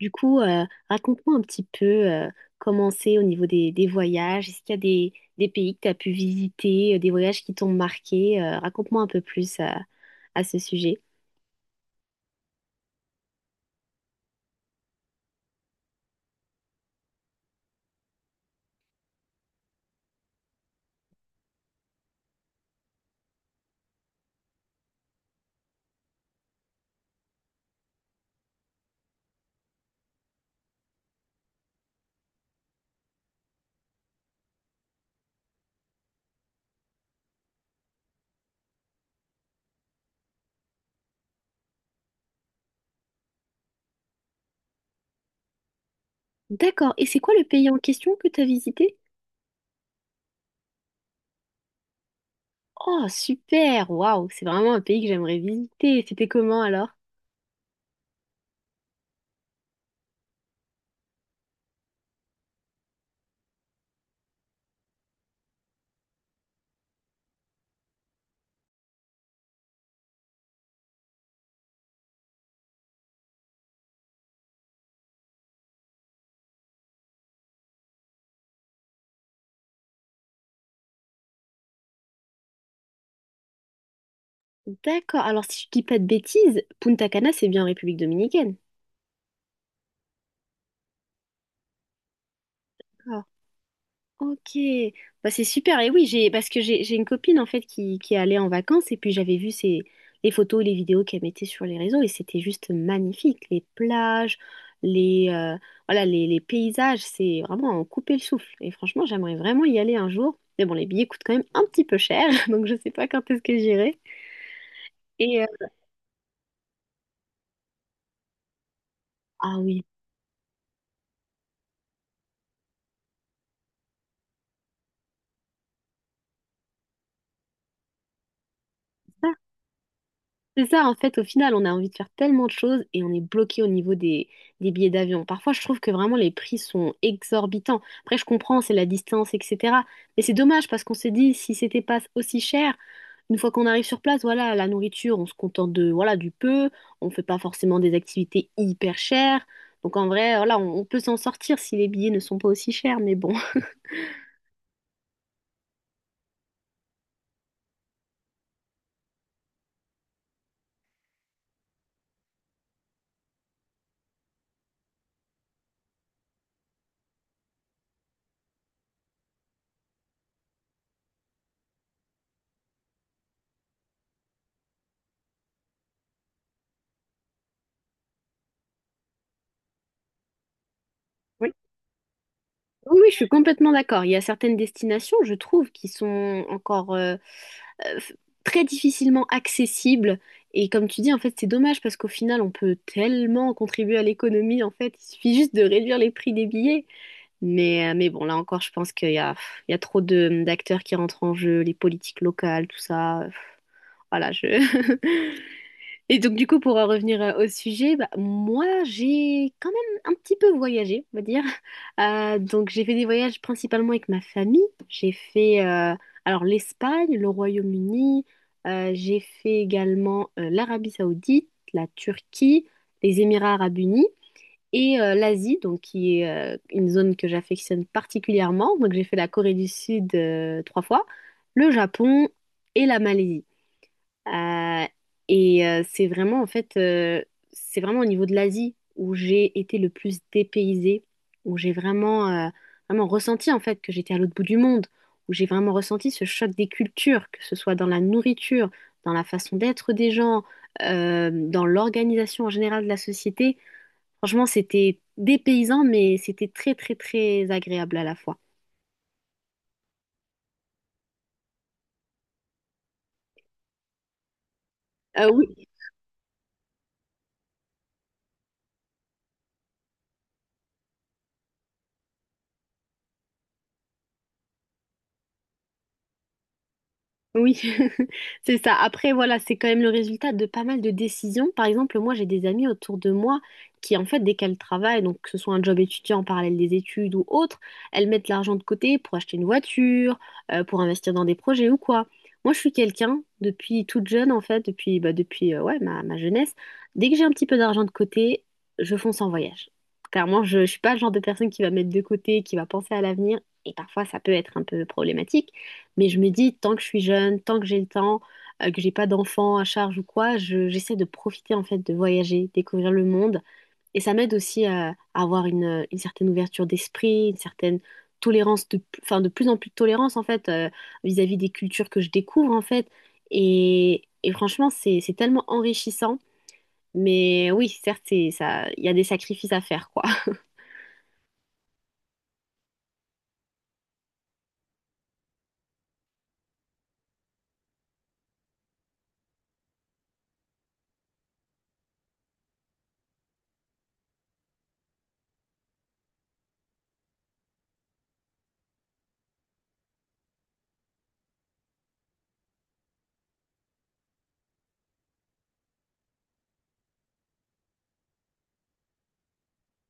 Du coup, euh, Raconte-moi un petit peu comment c'est au niveau des voyages. Est-ce qu'il y a des pays que tu as pu visiter, des voyages qui t'ont marqué? Raconte-moi un peu plus à ce sujet. D'accord. Et c'est quoi le pays en question que tu as visité? Oh, super! Waouh! C'est vraiment un pays que j'aimerais visiter. C'était comment alors? D'accord. Alors, si je dis pas de bêtises, Punta Cana, c'est bien en République dominicaine. Ah. Ok, bah, c'est super. Et oui, j'ai parce que j'ai une copine en fait qui est allée en vacances et puis j'avais vu les photos, les vidéos qu'elle mettait sur les réseaux et c'était juste magnifique. Les plages, les voilà, les paysages, c'est vraiment à en couper le souffle. Et franchement, j'aimerais vraiment y aller un jour. Mais bon, les billets coûtent quand même un petit peu cher, donc je sais pas quand est-ce que j'irai. Et euh, ah oui. C'est ça, en fait, au final, on a envie de faire tellement de choses et on est bloqué au niveau des billets d'avion. Parfois, je trouve que vraiment les prix sont exorbitants. Après, je comprends, c'est la distance, etc. Mais c'est dommage parce qu'on se dit, si c'était pas aussi cher, une fois qu'on arrive sur place, voilà, la nourriture, on se contente de, voilà, du peu, on fait pas forcément des activités hyper chères. Donc en vrai, voilà, on peut s'en sortir si les billets ne sont pas aussi chers, mais bon. Oui, oui, je suis complètement d'accord. Il y a certaines destinations, je trouve, qui sont encore euh, f- très difficilement accessibles. Et comme tu dis, en fait, c'est dommage parce qu'au final, on peut tellement contribuer à l'économie. En fait, il suffit juste de réduire les prix des billets. Mais bon, là encore, je pense qu'il y a, pff, il y a trop d'acteurs qui rentrent en jeu, les politiques locales, tout ça. Pff. Voilà, je... Et donc, du coup, pour en revenir au sujet, bah, moi, j'ai quand même un petit peu voyagé, on va dire. Donc, j'ai fait des voyages principalement avec ma famille. J'ai fait, alors, l'Espagne, le Royaume-Uni. J'ai fait également l'Arabie Saoudite, la Turquie, les Émirats Arabes Unis et l'Asie, donc qui est une zone que j'affectionne particulièrement. Donc, j'ai fait la Corée du Sud trois fois, le Japon et la Malaisie. Euh, et euh, c'est vraiment, en fait, euh, c'est vraiment au niveau de l'Asie où j'ai été le plus dépaysée, où j'ai vraiment ressenti, en fait, que j'étais à l'autre bout du monde, où j'ai vraiment ressenti ce choc des cultures, que ce soit dans la nourriture, dans la façon d'être des gens, dans l'organisation en général de la société. Franchement, c'était dépaysant, mais c'était très, très, très agréable à la fois. Oui, oui, c'est ça. Après, voilà, c'est quand même le résultat de pas mal de décisions. Par exemple, moi, j'ai des amis autour de moi qui, en fait, dès qu'elles travaillent, donc que ce soit un job étudiant en parallèle des études ou autre, elles mettent l'argent de côté pour acheter une voiture, pour investir dans des projets ou quoi. Moi, je suis quelqu'un, depuis toute jeune, en fait, depuis, bah, depuis ouais, ma jeunesse, dès que j'ai un petit peu d'argent de côté, je fonce en voyage. Clairement, je ne suis pas le genre de personne qui va mettre de côté, qui va penser à l'avenir, et parfois, ça peut être un peu problématique. Mais je me dis, tant que je suis jeune, tant que j'ai le temps, que j'ai pas d'enfants à charge ou quoi, j'essaie de profiter en fait de voyager, découvrir le monde. Et ça m'aide aussi à avoir une certaine ouverture d'esprit, une certaine enfin de plus en plus de tolérance en fait vis-à-vis des cultures que je découvre en fait. Et franchement, c'est tellement enrichissant. Mais oui, certes, ça, il y a des sacrifices à faire, quoi.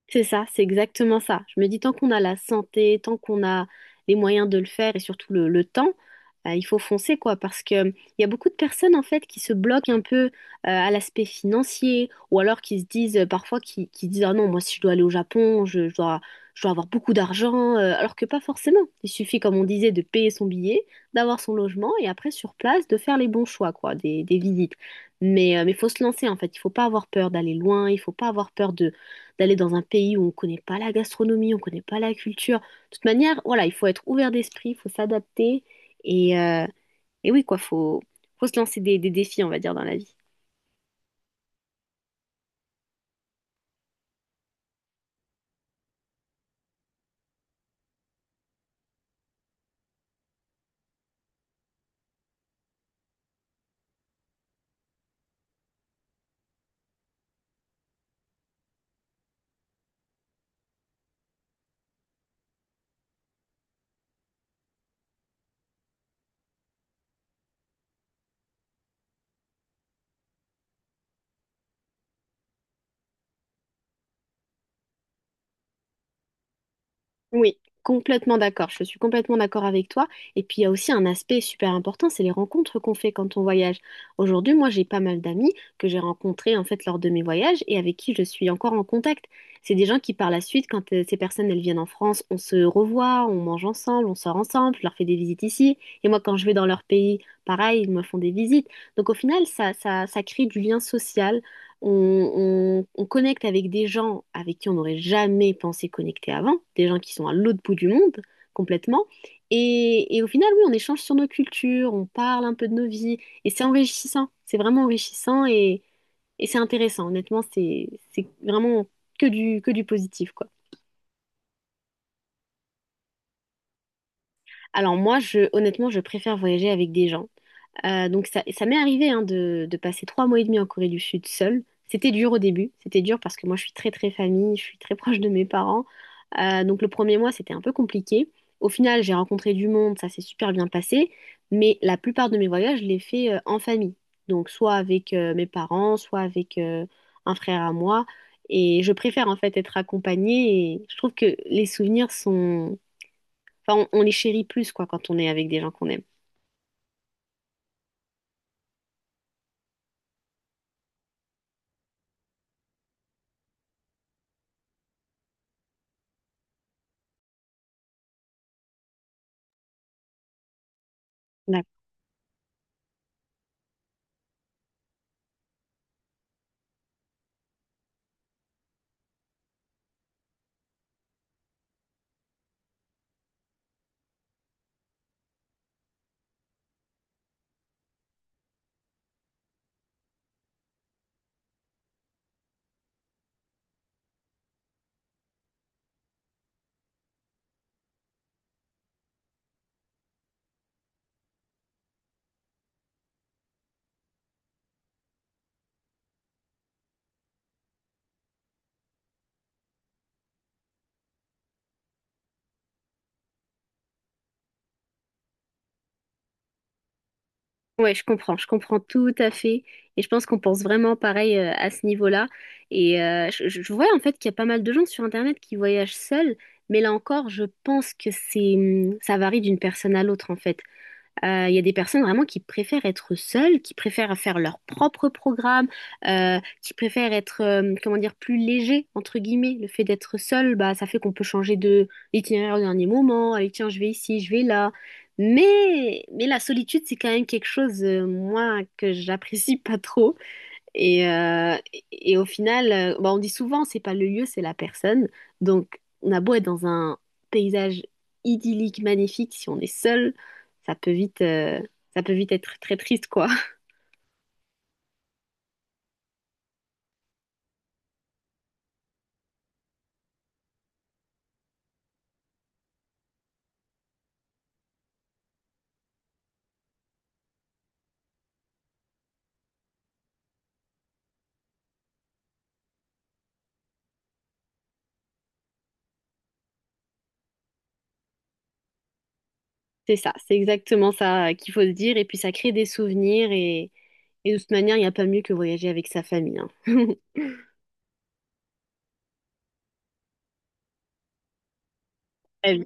C'est ça, c'est exactement ça. Je me dis, tant qu'on a la santé, tant qu'on a les moyens de le faire et surtout le temps, il faut foncer, quoi, parce que il y a beaucoup de personnes, en fait, qui se bloquent un peu à l'aspect financier ou alors qui se disent, parfois, qui disent, ah non, moi, si je dois aller au Japon, je dois avoir beaucoup d'argent, alors que pas forcément. Il suffit, comme on disait, de payer son billet, d'avoir son logement et après, sur place, de faire les bons choix, quoi, des visites. Mais faut se lancer, en fait. Il faut pas avoir peur d'aller loin, il faut pas avoir peur de d'aller dans un pays où on ne connaît pas la gastronomie, on ne connaît pas la culture. De toute manière, voilà, il faut être ouvert d'esprit, il faut s'adapter. Et, euh, et oui, quoi, faut se lancer des défis, on va dire, dans la vie. Oui, complètement d'accord. Je suis complètement d'accord avec toi. Et puis il y a aussi un aspect super important, c'est les rencontres qu'on fait quand on voyage. Aujourd'hui, moi, j'ai pas mal d'amis que j'ai rencontrés en fait lors de mes voyages et avec qui je suis encore en contact. C'est des gens qui par la suite, quand ces personnes elles viennent en France, on se revoit, on mange ensemble, on sort ensemble, je leur fais des visites ici. Et moi, quand je vais dans leur pays, pareil, ils me font des visites. Donc au final, ça crée du lien social. On connecte avec des gens avec qui on n'aurait jamais pensé connecter avant, des gens qui sont à l'autre bout du monde complètement. Et au final, oui, on échange sur nos cultures, on parle un peu de nos vies, et c'est enrichissant, c'est vraiment enrichissant et c'est intéressant. Honnêtement, c'est vraiment que du positif, quoi. Alors moi, honnêtement, je préfère voyager avec des gens. Donc ça m'est arrivé hein, de passer trois mois et demi en Corée du Sud seule. C'était dur au début, c'était dur parce que moi je suis très très famille, je suis très proche de mes parents. Donc le premier mois c'était un peu compliqué. Au final j'ai rencontré du monde, ça s'est super bien passé, mais la plupart de mes voyages je les fais en famille. Donc soit avec mes parents, soit avec un frère à moi. Et je préfère en fait être accompagnée et je trouve que les souvenirs sont... Enfin on les chérit plus quoi quand on est avec des gens qu'on aime. Ouais, je comprends tout à fait. Et je pense qu'on pense vraiment pareil à ce niveau-là. Je vois en fait qu'il y a pas mal de gens sur Internet qui voyagent seuls, mais là encore, je pense que ça varie d'une personne à l'autre en fait. Il y a des personnes vraiment qui préfèrent être seules, qui préfèrent faire leur propre programme, qui préfèrent être, comment dire, plus léger, entre guillemets. Le fait d'être seul, bah, ça fait qu'on peut changer de l'itinéraire au dernier moment. Allez, tiens, je vais ici, je vais là. Mais la solitude, c'est quand même quelque chose, moi, que j'apprécie pas trop. Et au final, bah, on dit souvent, c'est pas le lieu, c'est la personne. Donc, on a beau être dans un paysage idyllique, magnifique, si on est seul, ça peut vite, euh, ça peut vite être très triste, quoi. C'est ça, c'est exactement ça qu'il faut se dire. Et puis, ça crée des souvenirs. Et de toute manière, il n'y a pas mieux que voyager avec sa famille, hein. Euh,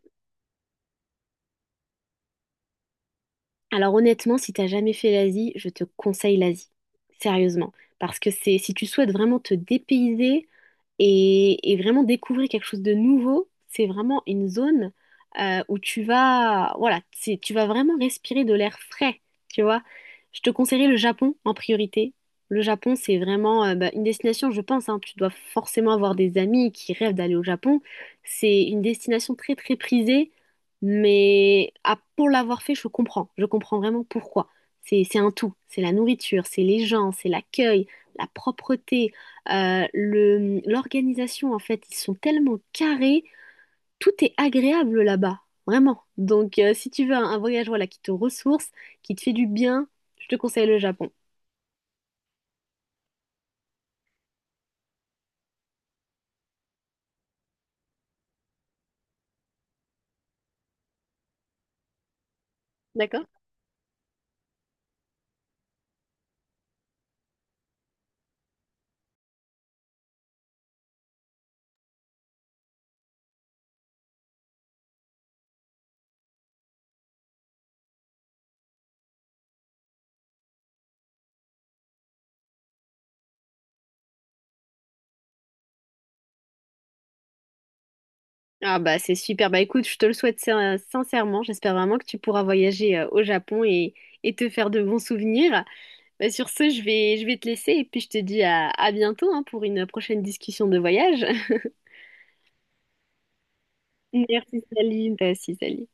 Alors, honnêtement, si t'as jamais fait l'Asie, je te conseille l'Asie. Sérieusement. Parce que si tu souhaites vraiment te dépayser, et vraiment découvrir quelque chose de nouveau, c'est vraiment une zone où tu vas, voilà, tu vas vraiment respirer de l'air frais, tu vois. Je te conseillerais le Japon en priorité. Le Japon, c'est vraiment bah, une destination, je pense, hein, tu dois forcément avoir des amis qui rêvent d'aller au Japon. C'est une destination très, très prisée, mais ah, pour l'avoir fait, je comprends. Je comprends vraiment pourquoi. C'est un tout. C'est la nourriture, c'est les gens, c'est l'accueil, la propreté. L'organisation, en fait, ils sont tellement carrés, tout est agréable là-bas, vraiment. Donc, si tu veux un voyage voilà, qui te ressource, qui te fait du bien, je te conseille le Japon. D'accord? Ah bah c'est super, bah écoute, je te le souhaite sincèrement, j'espère vraiment que tu pourras voyager au Japon et te faire de bons souvenirs. Bah, sur ce, je vais te laisser et puis je te dis à bientôt hein, pour une prochaine discussion de voyage. Merci Saline, toi aussi Saline.